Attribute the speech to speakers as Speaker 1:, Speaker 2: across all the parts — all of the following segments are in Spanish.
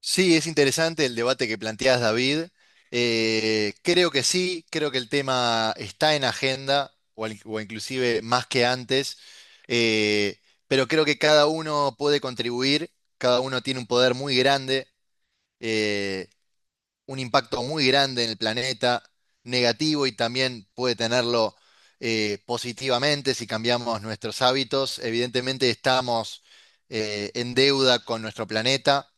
Speaker 1: Sí, es interesante el debate que planteas, David. Creo que sí, creo que el tema está en agenda, o, o inclusive más que antes, eh, pero creo que cada uno puede contribuir, cada uno tiene un poder muy grande, eh, un impacto muy grande en el planeta, negativo y también puede tenerlo positivamente si cambiamos nuestros hábitos. Evidentemente estamos en deuda con nuestro planeta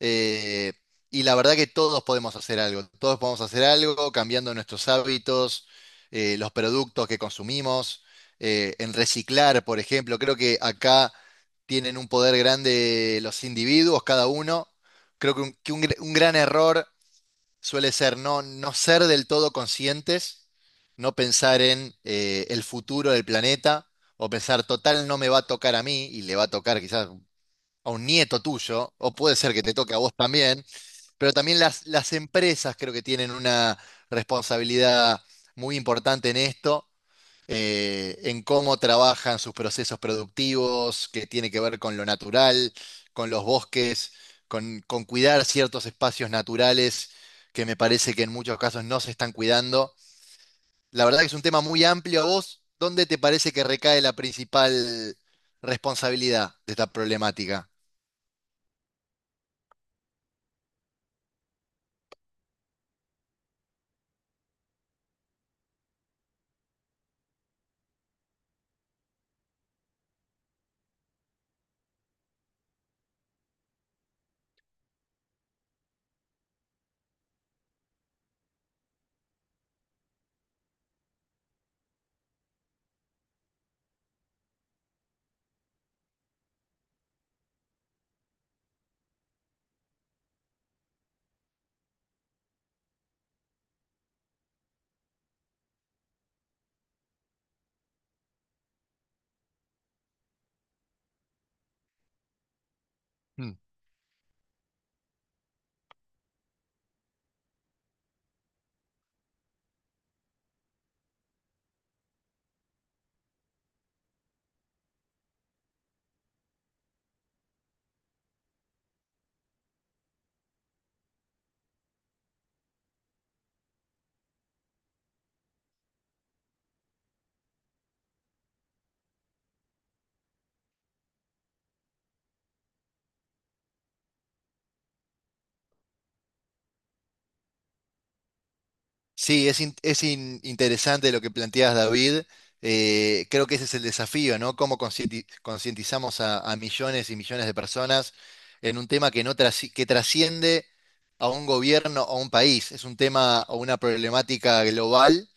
Speaker 1: eh, y la verdad que todos podemos hacer algo, todos podemos hacer algo cambiando nuestros hábitos, los productos que consumimos, en reciclar, por ejemplo. Creo que acá tienen un poder grande los individuos, cada uno. Creo que que un gran error suele ser no, no ser del todo conscientes, no pensar en el futuro del planeta o pensar, total, no me va a tocar a mí y le va a tocar quizás a un nieto tuyo, o puede ser que te toque a vos también, pero también las empresas creo que tienen una responsabilidad muy importante en esto, en cómo trabajan sus procesos productivos, que tiene que ver con lo natural, con los bosques, con cuidar ciertos espacios naturales que me parece que en muchos casos no se están cuidando. La verdad que es un tema muy amplio. ¿A vos dónde te parece que recae la principal responsabilidad de esta problemática? Sí, es, interesante lo que planteas, David. Creo que ese es el desafío, ¿no? ¿Cómo concientizamos a millones y millones de personas en un tema que, no trasci- que trasciende a un gobierno o a un país? Es un tema o una problemática global.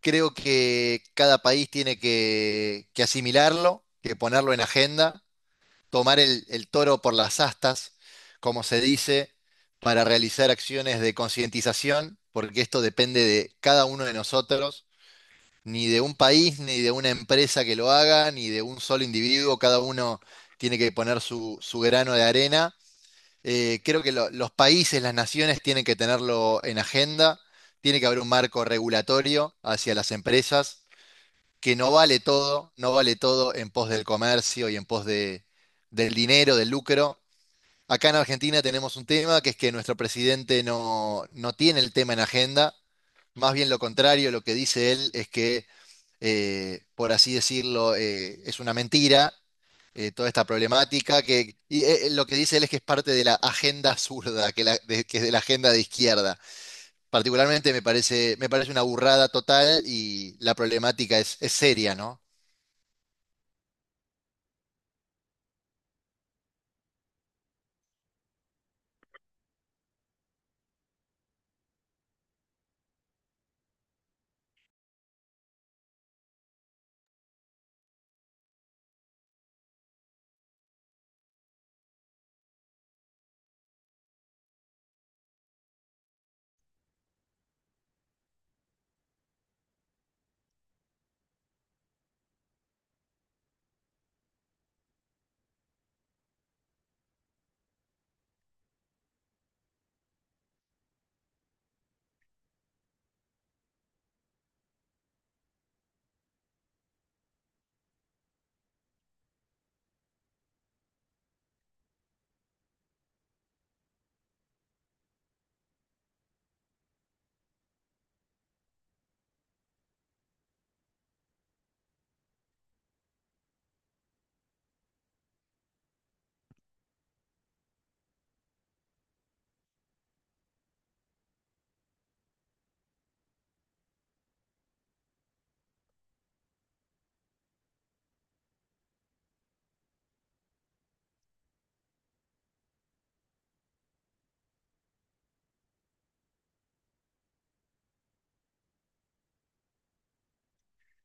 Speaker 1: Creo que cada país tiene que asimilarlo, que ponerlo en agenda, tomar el toro por las astas, como se dice, para realizar acciones de concientización, porque esto depende de cada uno de nosotros, ni de un país, ni de una empresa que lo haga, ni de un solo individuo; cada uno tiene que poner su, su grano de arena. Creo que los países, las naciones tienen que tenerlo en agenda, tiene que haber un marco regulatorio hacia las empresas, que no vale todo, no vale todo en pos del comercio y en pos de, del dinero, del lucro. Acá en Argentina tenemos un tema que es que nuestro presidente no, no tiene el tema en agenda, más bien lo contrario, lo que dice él es que, por así decirlo, es una mentira toda esta problemática, lo que dice él es que es parte de la agenda zurda, que, que es de la agenda de izquierda. Particularmente me parece una burrada total y la problemática es seria, ¿no?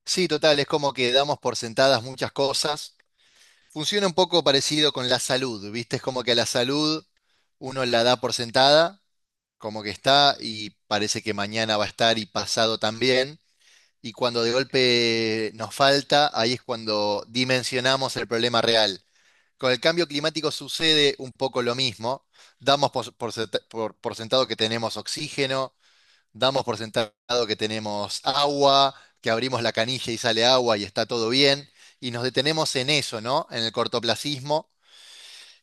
Speaker 1: Sí, total, es como que damos por sentadas muchas cosas. Funciona un poco parecido con la salud, ¿viste? Es como que a la salud uno la da por sentada, como que está y parece que mañana va a estar y pasado también. Y cuando de golpe nos falta, ahí es cuando dimensionamos el problema real. Con el cambio climático sucede un poco lo mismo. Damos por sentado que tenemos oxígeno, damos por sentado que tenemos agua, que abrimos la canilla y sale agua y está todo bien y nos detenemos en eso, ¿no? En el cortoplacismo.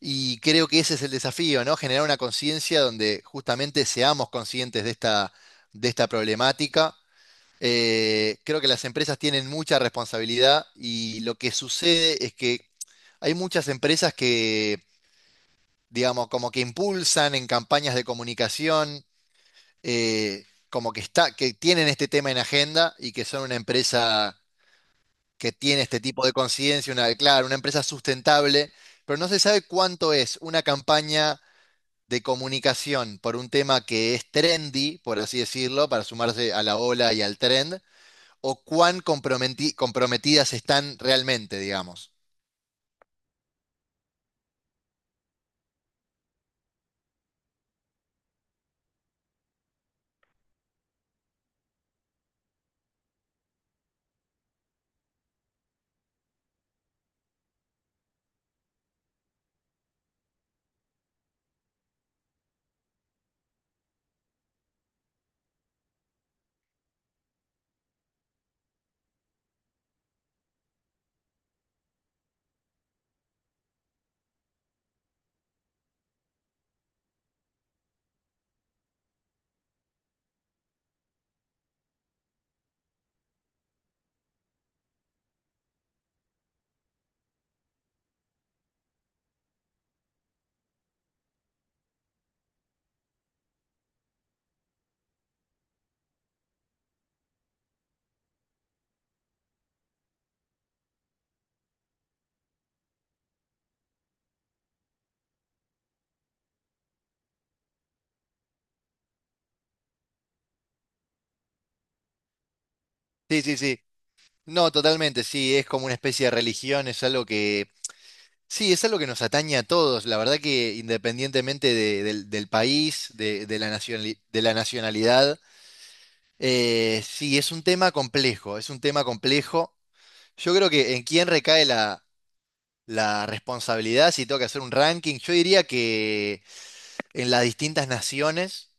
Speaker 1: Y creo que ese es el desafío, ¿no? Generar una conciencia donde justamente seamos conscientes de esta problemática. Creo que las empresas tienen mucha responsabilidad y lo que sucede es que hay muchas empresas que, digamos, como que impulsan en campañas de comunicación, como que está, que tienen este tema en agenda y que son una empresa que tiene este tipo de conciencia, una, claro, una empresa sustentable, pero no se sabe cuánto es una campaña de comunicación por un tema que es trendy, por así decirlo, para sumarse a la ola y al trend, o cuán comprometidas están realmente, digamos. Sí, sí, sí. No, totalmente, sí, es como una especie de religión, es algo que, sí, es algo que nos atañe a todos, la verdad que independientemente del, del país, de la de la nacionalidad, sí, es un tema complejo, es un tema complejo. Yo creo que en quién recae la la responsabilidad, si tengo que hacer un ranking, yo diría que en las distintas naciones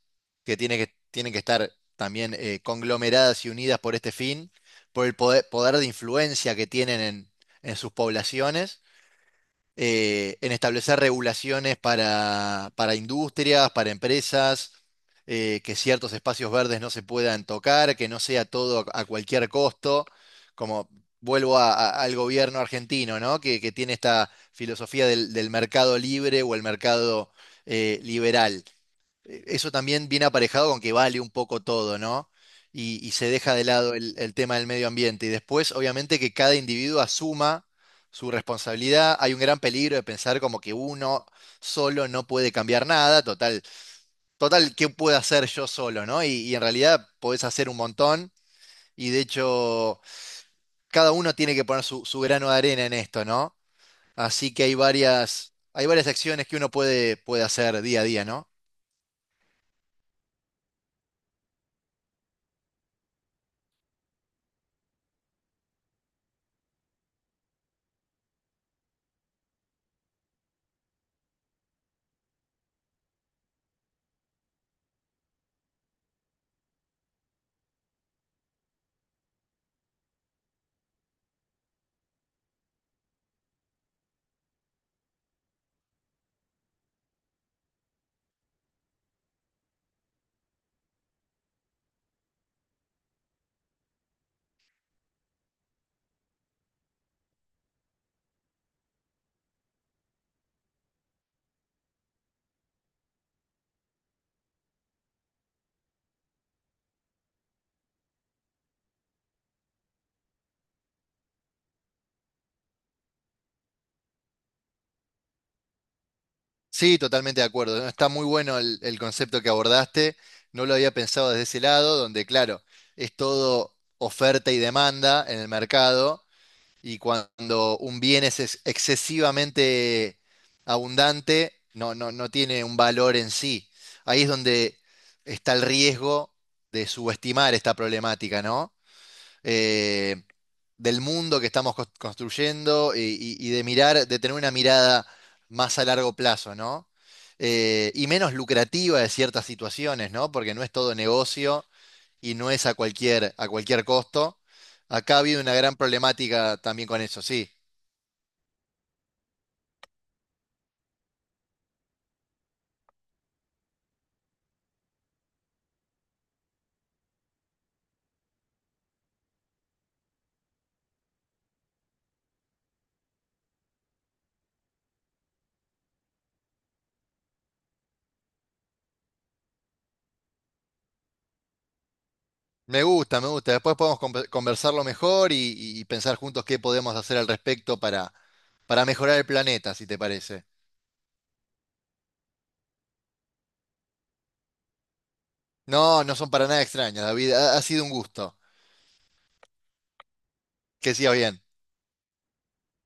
Speaker 1: que, tienen que estar también conglomeradas y unidas por este fin, por el poder, poder de influencia que tienen en sus poblaciones, en establecer regulaciones para industrias, para empresas, que ciertos espacios verdes no se puedan tocar, que no sea todo a cualquier costo, como vuelvo al gobierno argentino, ¿no? Que tiene esta filosofía del, del mercado libre o el mercado liberal. Eso también viene aparejado con que vale un poco todo, ¿no? Y se deja de lado el tema del medio ambiente. Y después, obviamente, que cada individuo asuma su responsabilidad. Hay un gran peligro de pensar como que uno solo no puede cambiar nada. Total, total, ¿qué puedo hacer yo solo, ¿no? Y en realidad podés hacer un montón. Y de hecho, cada uno tiene que poner su, su grano de arena en esto, ¿no? Así que hay varias acciones que uno puede, puede hacer día a día, ¿no? Sí, totalmente de acuerdo. ¿No? Está muy bueno el concepto que abordaste. No lo había pensado desde ese lado, donde, claro, es todo oferta y demanda en el mercado, y cuando un bien es excesivamente abundante, no, no, no tiene un valor en sí. Ahí es donde está el riesgo de subestimar esta problemática, ¿no? eh, del mundo que estamos construyendo y, y de mirar, de tener una mirada más a largo plazo, ¿no? Y menos lucrativa de ciertas situaciones, ¿no? Porque no es todo negocio y no es a cualquier costo. Acá ha habido una gran problemática también con eso, sí. Me gusta, me gusta. Después podemos conversarlo mejor y, y pensar juntos qué podemos hacer al respecto para mejorar el planeta, si te parece. No, no son para nada extrañas, David. Ha, ha sido un gusto. Que sigas bien.